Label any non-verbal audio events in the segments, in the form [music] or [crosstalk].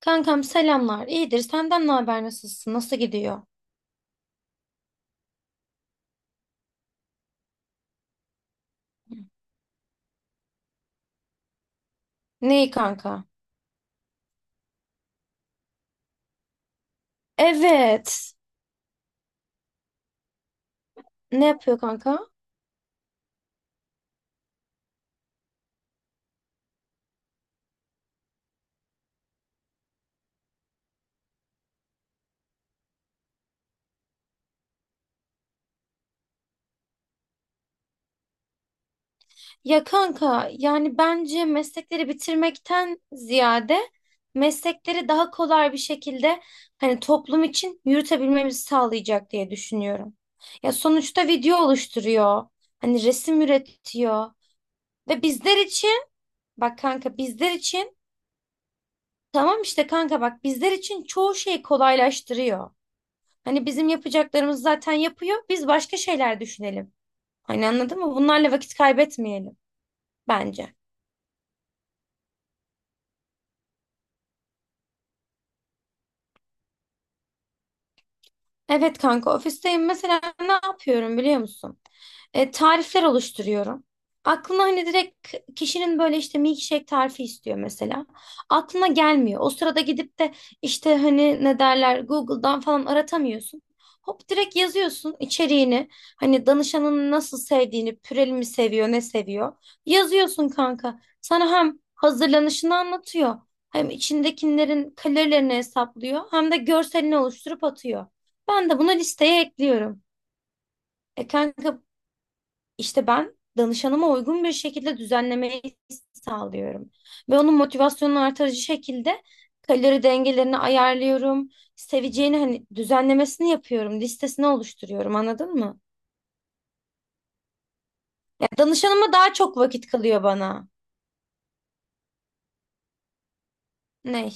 Kankam selamlar. İyidir. Senden ne haber? Nasılsın? Nasıl gidiyor? Neyi kanka? Evet. Ne yapıyor kanka? Ya kanka yani bence meslekleri bitirmekten ziyade meslekleri daha kolay bir şekilde hani toplum için yürütebilmemizi sağlayacak diye düşünüyorum. Ya sonuçta video oluşturuyor. Hani resim üretiyor. Ve bizler için bak kanka bizler için tamam işte kanka bak bizler için çoğu şeyi kolaylaştırıyor. Hani bizim yapacaklarımız zaten yapıyor. Biz başka şeyler düşünelim. Hani anladın mı? Bunlarla vakit kaybetmeyelim bence. Evet kanka ofisteyim. Mesela ne yapıyorum biliyor musun? E, tarifler oluşturuyorum. Aklına hani direkt kişinin böyle işte milkshake tarifi istiyor mesela. Aklına gelmiyor. O sırada gidip de işte hani ne derler Google'dan falan aratamıyorsun. Hop direkt yazıyorsun içeriğini. Hani danışanın nasıl sevdiğini, püreli mi seviyor, ne seviyor. Yazıyorsun kanka. Sana hem hazırlanışını anlatıyor. Hem içindekilerin kalorilerini hesaplıyor. Hem de görselini oluşturup atıyor. Ben de bunu listeye ekliyorum. E kanka işte ben danışanıma uygun bir şekilde düzenlemeyi sağlıyorum. Ve onun motivasyonunu artırıcı şekilde kalori dengelerini ayarlıyorum. Seveceğini hani düzenlemesini yapıyorum. Listesini oluşturuyorum anladın mı? Ya danışanıma daha çok vakit kalıyor bana. Ne?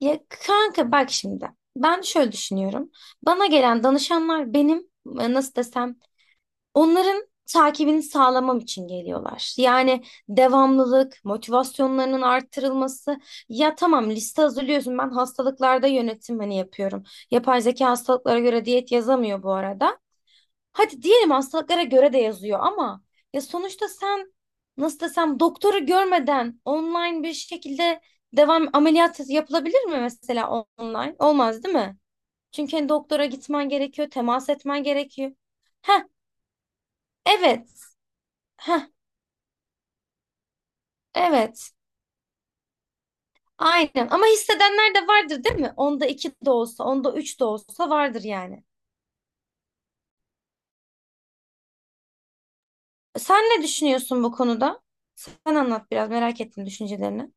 Ya kanka bak şimdi. Ben şöyle düşünüyorum. Bana gelen danışanlar benim e, nasıl desem onların takibini sağlamam için geliyorlar. Yani devamlılık, motivasyonlarının arttırılması. Ya tamam liste hazırlıyorsun. Ben hastalıklarda yönetim hani yapıyorum. Yapay zeka hastalıklara göre diyet yazamıyor bu arada. Hadi diyelim hastalıklara göre de yazıyor ama ya sonuçta sen nasıl desem doktoru görmeden online bir şekilde devam ameliyat yapılabilir mi mesela online? Olmaz değil mi? Çünkü hani doktora gitmen gerekiyor, temas etmen gerekiyor. Heh, evet. Heh, evet, aynen. Ama hissedenler de vardır değil mi? Onda iki de olsa, onda üç de olsa vardır yani. Sen ne düşünüyorsun bu konuda? Sen anlat biraz, merak ettim düşüncelerini.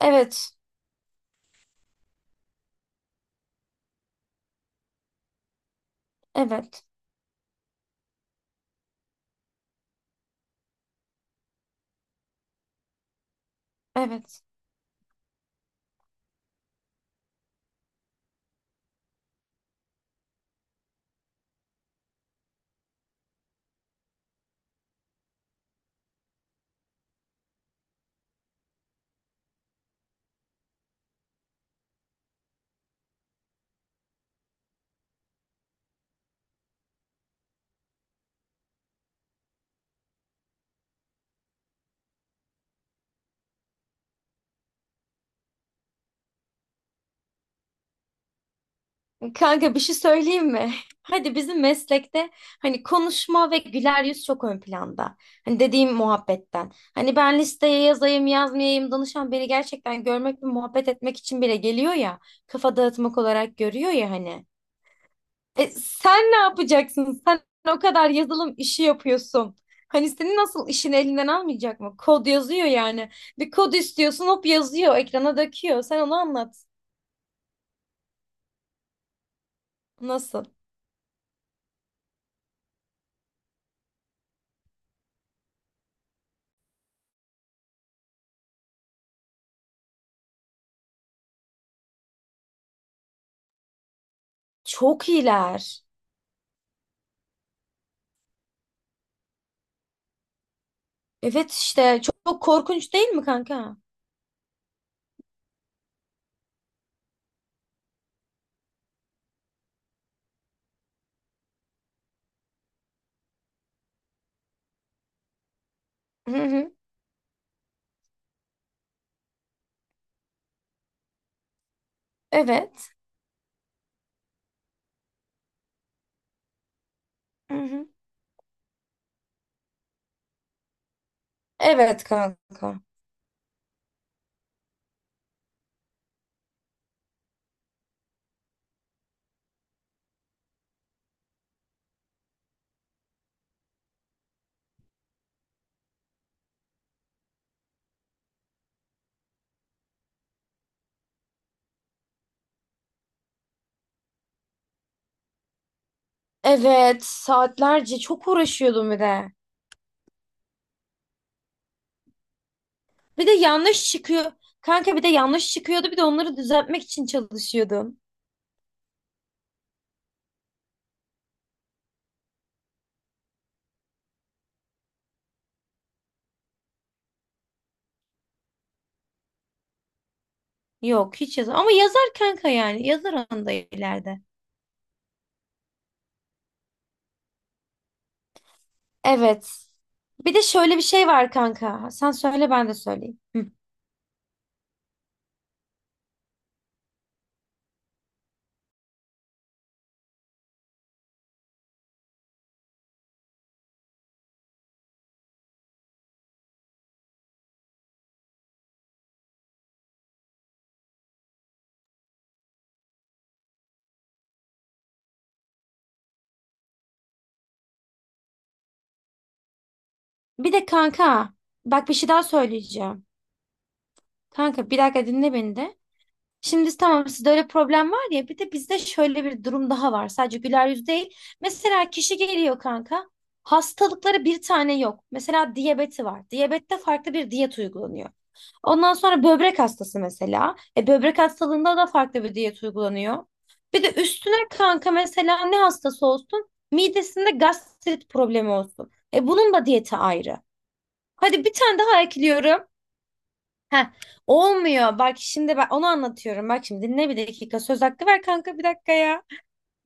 Evet, evet, evet. Kanka bir şey söyleyeyim mi? [laughs] Hadi bizim meslekte hani konuşma ve güler yüz çok ön planda. Hani dediğim muhabbetten. Hani ben listeye yazayım yazmayayım danışan beni gerçekten görmek ve muhabbet etmek için bile geliyor ya. Kafa dağıtmak olarak görüyor ya hani. E, sen ne yapacaksın? Sen o kadar yazılım işi yapıyorsun. Hani senin nasıl işin elinden almayacak mı? Kod yazıyor yani. Bir kod istiyorsun hop yazıyor, ekrana döküyor. Sen onu anlat. Nasıl? Çok iyiler. Evet işte çok, çok korkunç değil mi kanka? Hı hı. Evet. Hı hı. Evet kanka. Evet saatlerce çok uğraşıyordum bir de. Bir de yanlış çıkıyor. Kanka bir de yanlış çıkıyordu bir de onları düzeltmek için çalışıyordum. Yok hiç yazar. Ama yazar kanka yani. Yazar onu da ileride. Evet. Bir de şöyle bir şey var kanka. Sen söyle ben de söyleyeyim. Hı. Bir de kanka bak bir şey daha söyleyeceğim. Kanka bir dakika dinle beni de. Şimdi tamam sizde öyle problem var ya bir de bizde şöyle bir durum daha var. Sadece güler yüz değil. Mesela kişi geliyor kanka. Hastalıkları bir tane yok. Mesela diyabeti var. Diyabette farklı bir diyet uygulanıyor. Ondan sonra böbrek hastası mesela. E, böbrek hastalığında da farklı bir diyet uygulanıyor. Bir de üstüne kanka mesela ne hastası olsun? Midesinde gastrit problemi olsun. E, bunun da diyeti ayrı. Hadi bir tane daha ekliyorum. Heh, olmuyor. Bak şimdi ben onu anlatıyorum. Bak şimdi dinle bir dakika. Söz hakkı ver kanka bir dakika ya.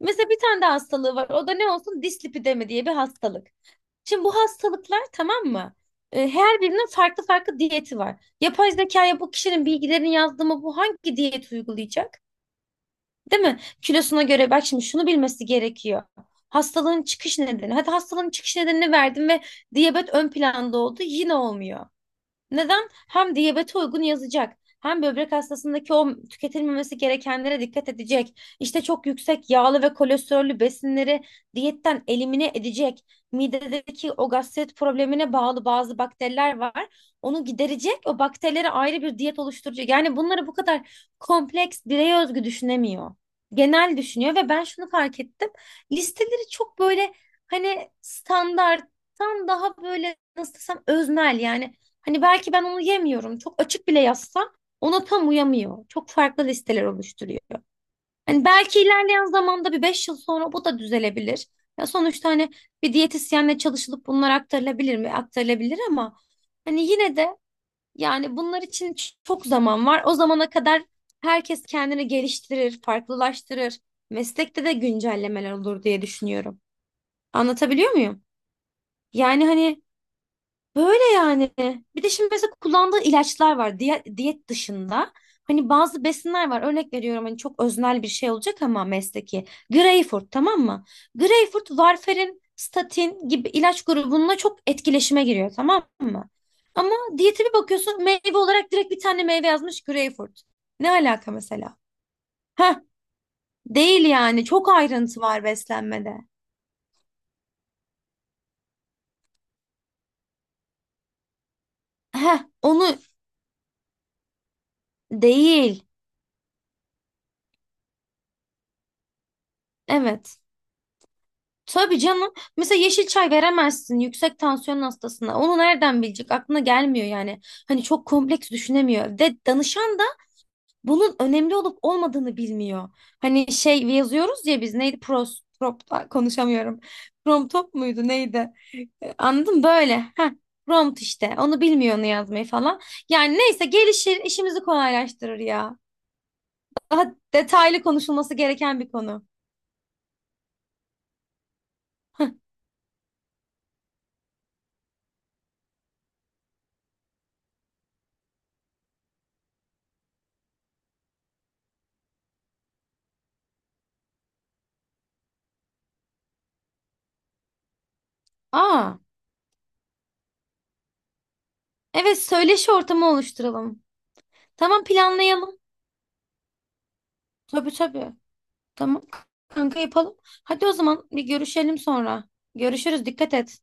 Mesela bir tane de hastalığı var. O da ne olsun? Dislipidemi diye bir hastalık. Şimdi bu hastalıklar tamam mı? E, her birinin farklı farklı diyeti var. Yapay zekaya bu kişinin bilgilerini yazdı mı bu hangi diyet uygulayacak? Değil mi? Kilosuna göre bak şimdi şunu bilmesi gerekiyor. Hastalığın çıkış nedeni. Hadi hastalığın çıkış nedenini verdim ve diyabet ön planda oldu. Yine olmuyor. Neden? Hem diyabete uygun yazacak. Hem böbrek hastasındaki o tüketilmemesi gerekenlere dikkat edecek. İşte çok yüksek yağlı ve kolesterollü besinleri diyetten elimine edecek. Midedeki o gastrit problemine bağlı bazı bakteriler var. Onu giderecek. O bakterilere ayrı bir diyet oluşturacak. Yani bunları bu kadar kompleks, bireye özgü düşünemiyor. Genel düşünüyor ve ben şunu fark ettim. Listeleri çok böyle hani standarttan daha böyle nasıl desem öznel yani. Hani belki ben onu yemiyorum. Çok açık bile yazsam ona tam uyamıyor. Çok farklı listeler oluşturuyor. Hani belki ilerleyen zamanda bir 5 yıl sonra bu da düzelebilir. Ya sonuçta hani bir diyetisyenle çalışılıp bunlar aktarılabilir mi? Aktarılabilir ama hani yine de yani bunlar için çok zaman var. O zamana kadar herkes kendini geliştirir, farklılaştırır. Meslekte de güncellemeler olur diye düşünüyorum. Anlatabiliyor muyum? Yani hani böyle yani. Bir de şimdi mesela kullandığı ilaçlar var diyet dışında. Hani bazı besinler var. Örnek veriyorum hani çok öznel bir şey olacak ama mesleki. Greyfurt tamam mı? Greyfurt, varfarin, statin gibi ilaç grubununla çok etkileşime giriyor tamam mı? Ama diyete bir bakıyorsun meyve olarak direkt bir tane meyve yazmış Greyfurt. Ne alaka mesela? Heh, değil yani. Çok ayrıntı var beslenmede. Heh, onu değil. Evet. Tabii canım. Mesela yeşil çay veremezsin yüksek tansiyon hastasına. Onu nereden bilecek? Aklına gelmiyor yani. Hani çok kompleks düşünemiyor. Ve danışan da bunun önemli olup olmadığını bilmiyor. Hani şey yazıyoruz ya biz neydi? Pros, prop, ay, konuşamıyorum. Promptop muydu neydi? E, anladın mı? Böyle. Heh. Prompt işte. Onu bilmiyor onu yazmayı falan. Yani neyse gelişir, işimizi kolaylaştırır ya. Daha detaylı konuşulması gereken bir konu. Aa, evet söyleşi ortamı oluşturalım. Tamam planlayalım. Tabii tabii. Tamam kanka yapalım. Hadi o zaman bir görüşelim sonra. Görüşürüz. Dikkat et.